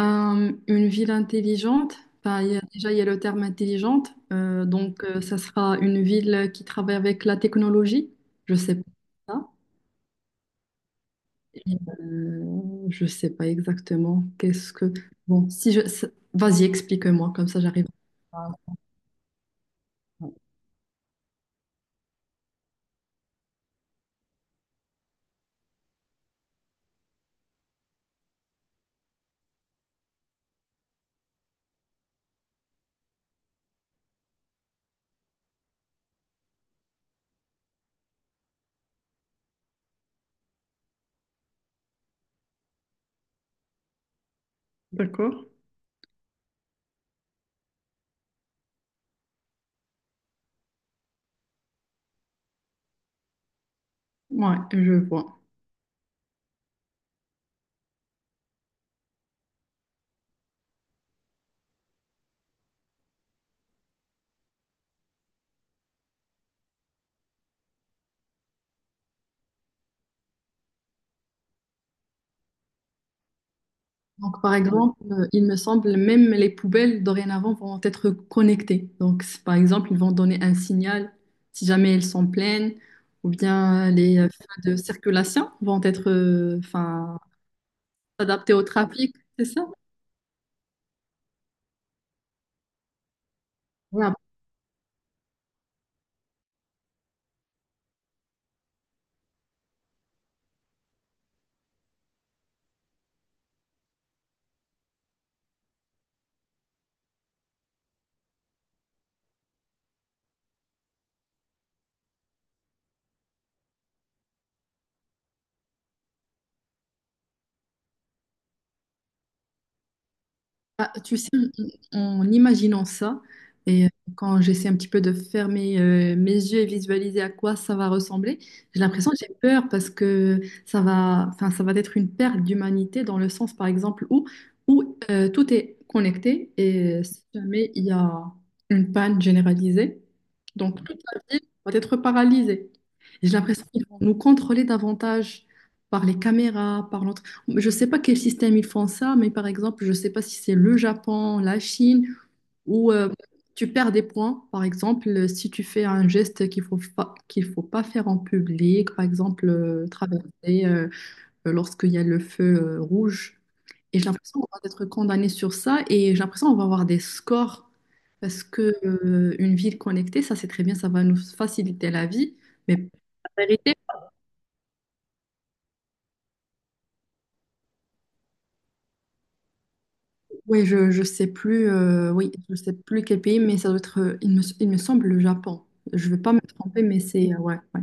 Une ville intelligente, enfin, déjà il y a le terme intelligente, ça sera une ville qui travaille avec la technologie, je sais pas ça, et, je sais pas exactement qu'est-ce que... Bon, si je... Vas-y, explique-moi, comme ça j'arrive. D'accord. Ouais, je vois. Donc, par exemple, il me semble même les poubelles dorénavant vont être connectées. Donc, par exemple, ils vont donner un signal si jamais elles sont pleines, ou bien les feux de circulation vont être, enfin, adaptés au trafic, c'est ça? Ah, tu sais, en en imaginant ça, et quand j'essaie un petit peu de fermer mes yeux et visualiser à quoi ça va ressembler, j'ai l'impression que j'ai peur parce que ça va, enfin, ça va être une perte d'humanité dans le sens, par exemple, où, où tout est connecté et si jamais il y a une panne généralisée, donc toute la ville va être paralysée. Et j'ai l'impression qu'ils vont nous contrôler davantage par les caméras, par je ne sais pas quel système ils font ça, mais par exemple, je ne sais pas si c'est le Japon, la Chine, où tu perds des points, par exemple, si tu fais un geste qu'il faut pas faire en public, par exemple, traverser lorsqu'il y a le feu rouge. Et j'ai l'impression qu'on va être condamné sur ça et j'ai l'impression qu'on va avoir des scores parce que une ville connectée, ça c'est très bien, ça va nous faciliter la vie, mais la vérité, oui, je sais plus, oui, je sais plus quel pays, mais ça doit être, il me semble, le Japon. Je ne vais pas me tromper, mais c'est, ouais, ouais.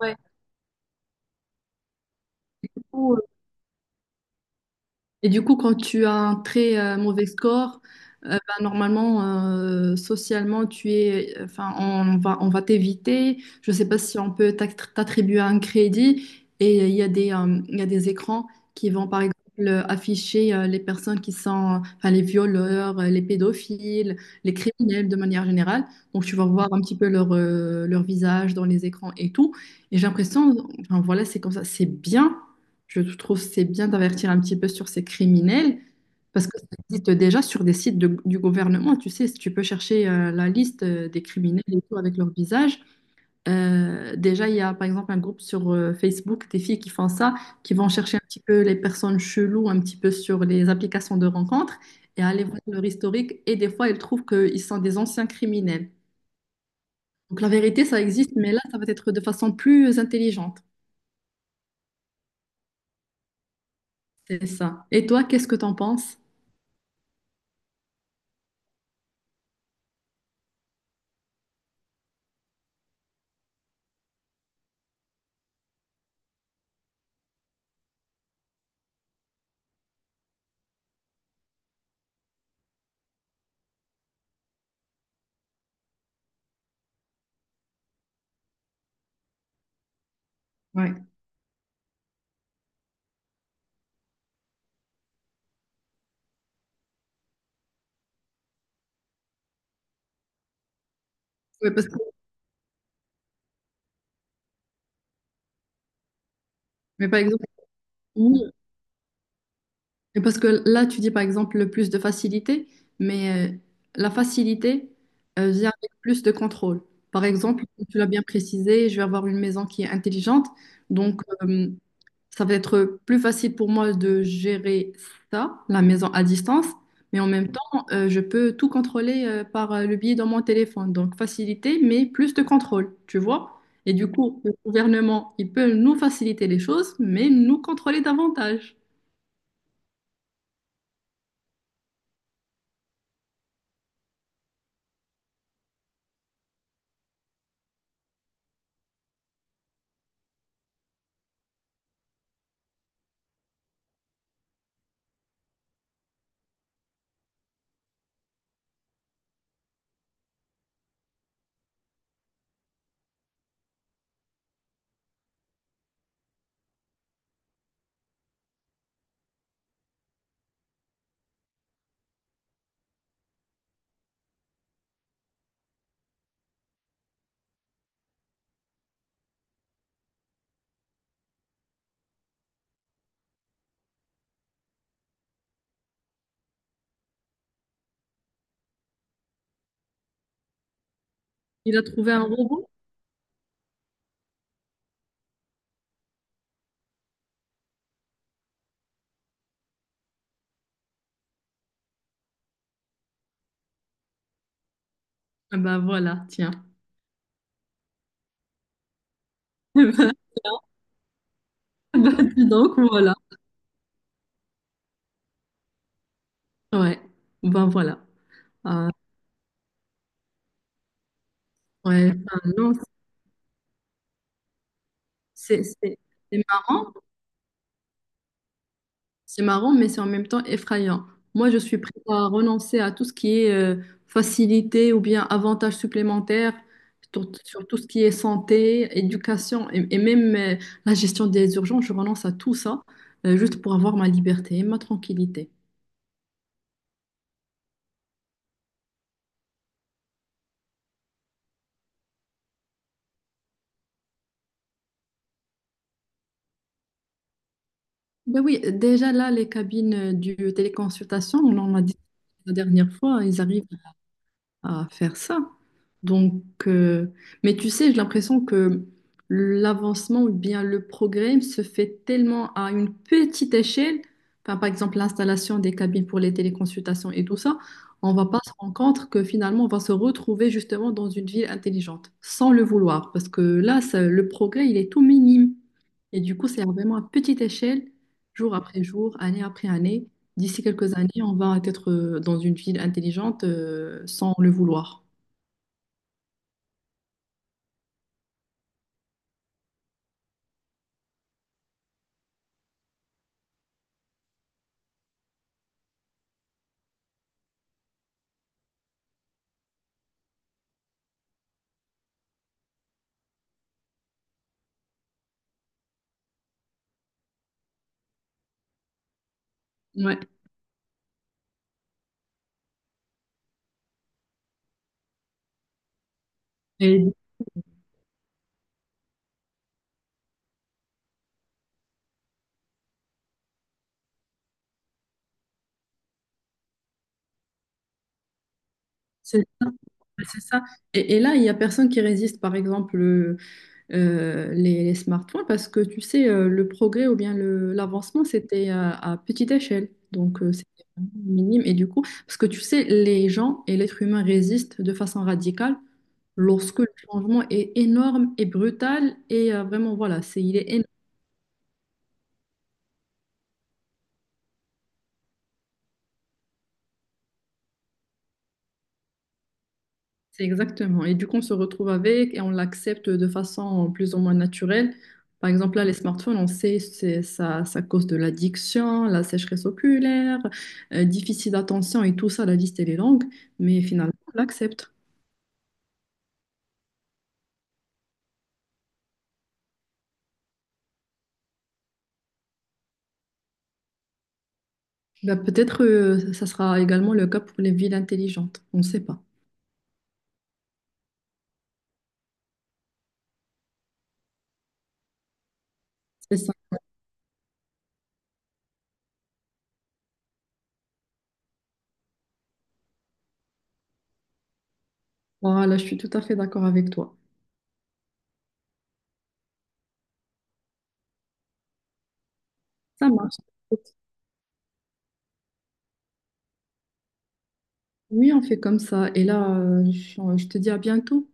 Ouais. Et du coup, quand tu as un très mauvais score, ben, normalement, socialement, tu es, enfin, on va t'éviter. Je ne sais pas si on peut t'attribuer un crédit. Et il y a des, il y a des écrans qui vont, par exemple, afficher les personnes qui sont, enfin, les violeurs, les pédophiles, les criminels de manière générale. Donc, tu vas voir un petit peu leur, leur visage dans les écrans et tout. Et j'ai l'impression, enfin, voilà, c'est comme ça, c'est bien. Je trouve que c'est bien d'avertir un petit peu sur ces criminels parce que ça existe déjà sur des sites du gouvernement. Tu sais, si tu peux chercher la liste des criminels et tout avec leur visage. Déjà, il y a par exemple un groupe sur Facebook des filles qui font ça, qui vont chercher un petit peu les personnes cheloues un petit peu sur les applications de rencontres et aller voir leur historique. Et des fois, elles trouvent qu'ils sont des anciens criminels. Donc la vérité, ça existe, mais là, ça va être de façon plus intelligente. C'est ça. Et toi, qu'est-ce que t'en penses? Ouais. Ouais, parce... Mais par exemple, oui, et parce que là, tu dis par exemple le plus de facilité, mais la facilité vient avec plus de contrôle. Par exemple, comme tu l'as bien précisé, je vais avoir une maison qui est intelligente, donc ça va être plus facile pour moi de gérer ça, la maison à distance, mais en même temps, je peux tout contrôler par le biais de mon téléphone. Donc facilité, mais plus de contrôle, tu vois? Et du coup, le gouvernement, il peut nous faciliter les choses, mais nous contrôler davantage. Il a trouvé un robot? Ah ben voilà, tiens. Eh ben, tiens. Ben, dis donc, voilà. Ouais, ben voilà. Ah, ouais, enfin, non, c'est c'est- c'est marrant, c'est marrant, mais c'est en même temps effrayant. Moi, je suis prête à renoncer à tout ce qui est facilité ou bien avantage supplémentaire sur, sur tout ce qui est santé, éducation et même la gestion des urgences. Je renonce à tout ça juste pour avoir ma liberté et ma tranquillité. Ben oui, déjà là, les cabines du téléconsultation, on en a dit la dernière fois, ils arrivent à faire ça. Donc, euh, mais tu sais, j'ai l'impression que l'avancement ou bien le progrès se fait tellement à une petite échelle. Enfin, par exemple, l'installation des cabines pour les téléconsultations et tout ça, on va pas se rendre compte que finalement, on va se retrouver justement dans une ville intelligente, sans le vouloir, parce que là, le progrès, il est tout minime. Et du coup, c'est vraiment à petite échelle, jour après jour, année après année. D'ici quelques années, on va être dans une ville intelligente sans le vouloir. Ouais. Et c'est ça. Ouais, c'est ça. Et là, il n'y a personne qui résiste, par exemple, les smartphones, parce que tu sais, le progrès ou bien l'avancement, c'était à petite échelle. Donc, c'était vraiment minime. Et du coup, parce que tu sais, les gens et l'être humain résistent de façon radicale lorsque le changement est énorme et brutal. Et vraiment, voilà, c'est, il est énorme. C'est exactement. Et du coup, on se retrouve avec et on l'accepte de façon plus ou moins naturelle. Par exemple, là, les smartphones, on sait c'est ça, ça cause de l'addiction, la sécheresse oculaire, déficit d'attention et tout ça, la liste, elle est longue, mais finalement, on l'accepte. Bah, peut-être ça sera également le cas pour les villes intelligentes. On ne sait pas. C'est ça. Voilà, je suis tout à fait d'accord avec toi. Ça marche. Oui, on fait comme ça. Et là, je te dis à bientôt.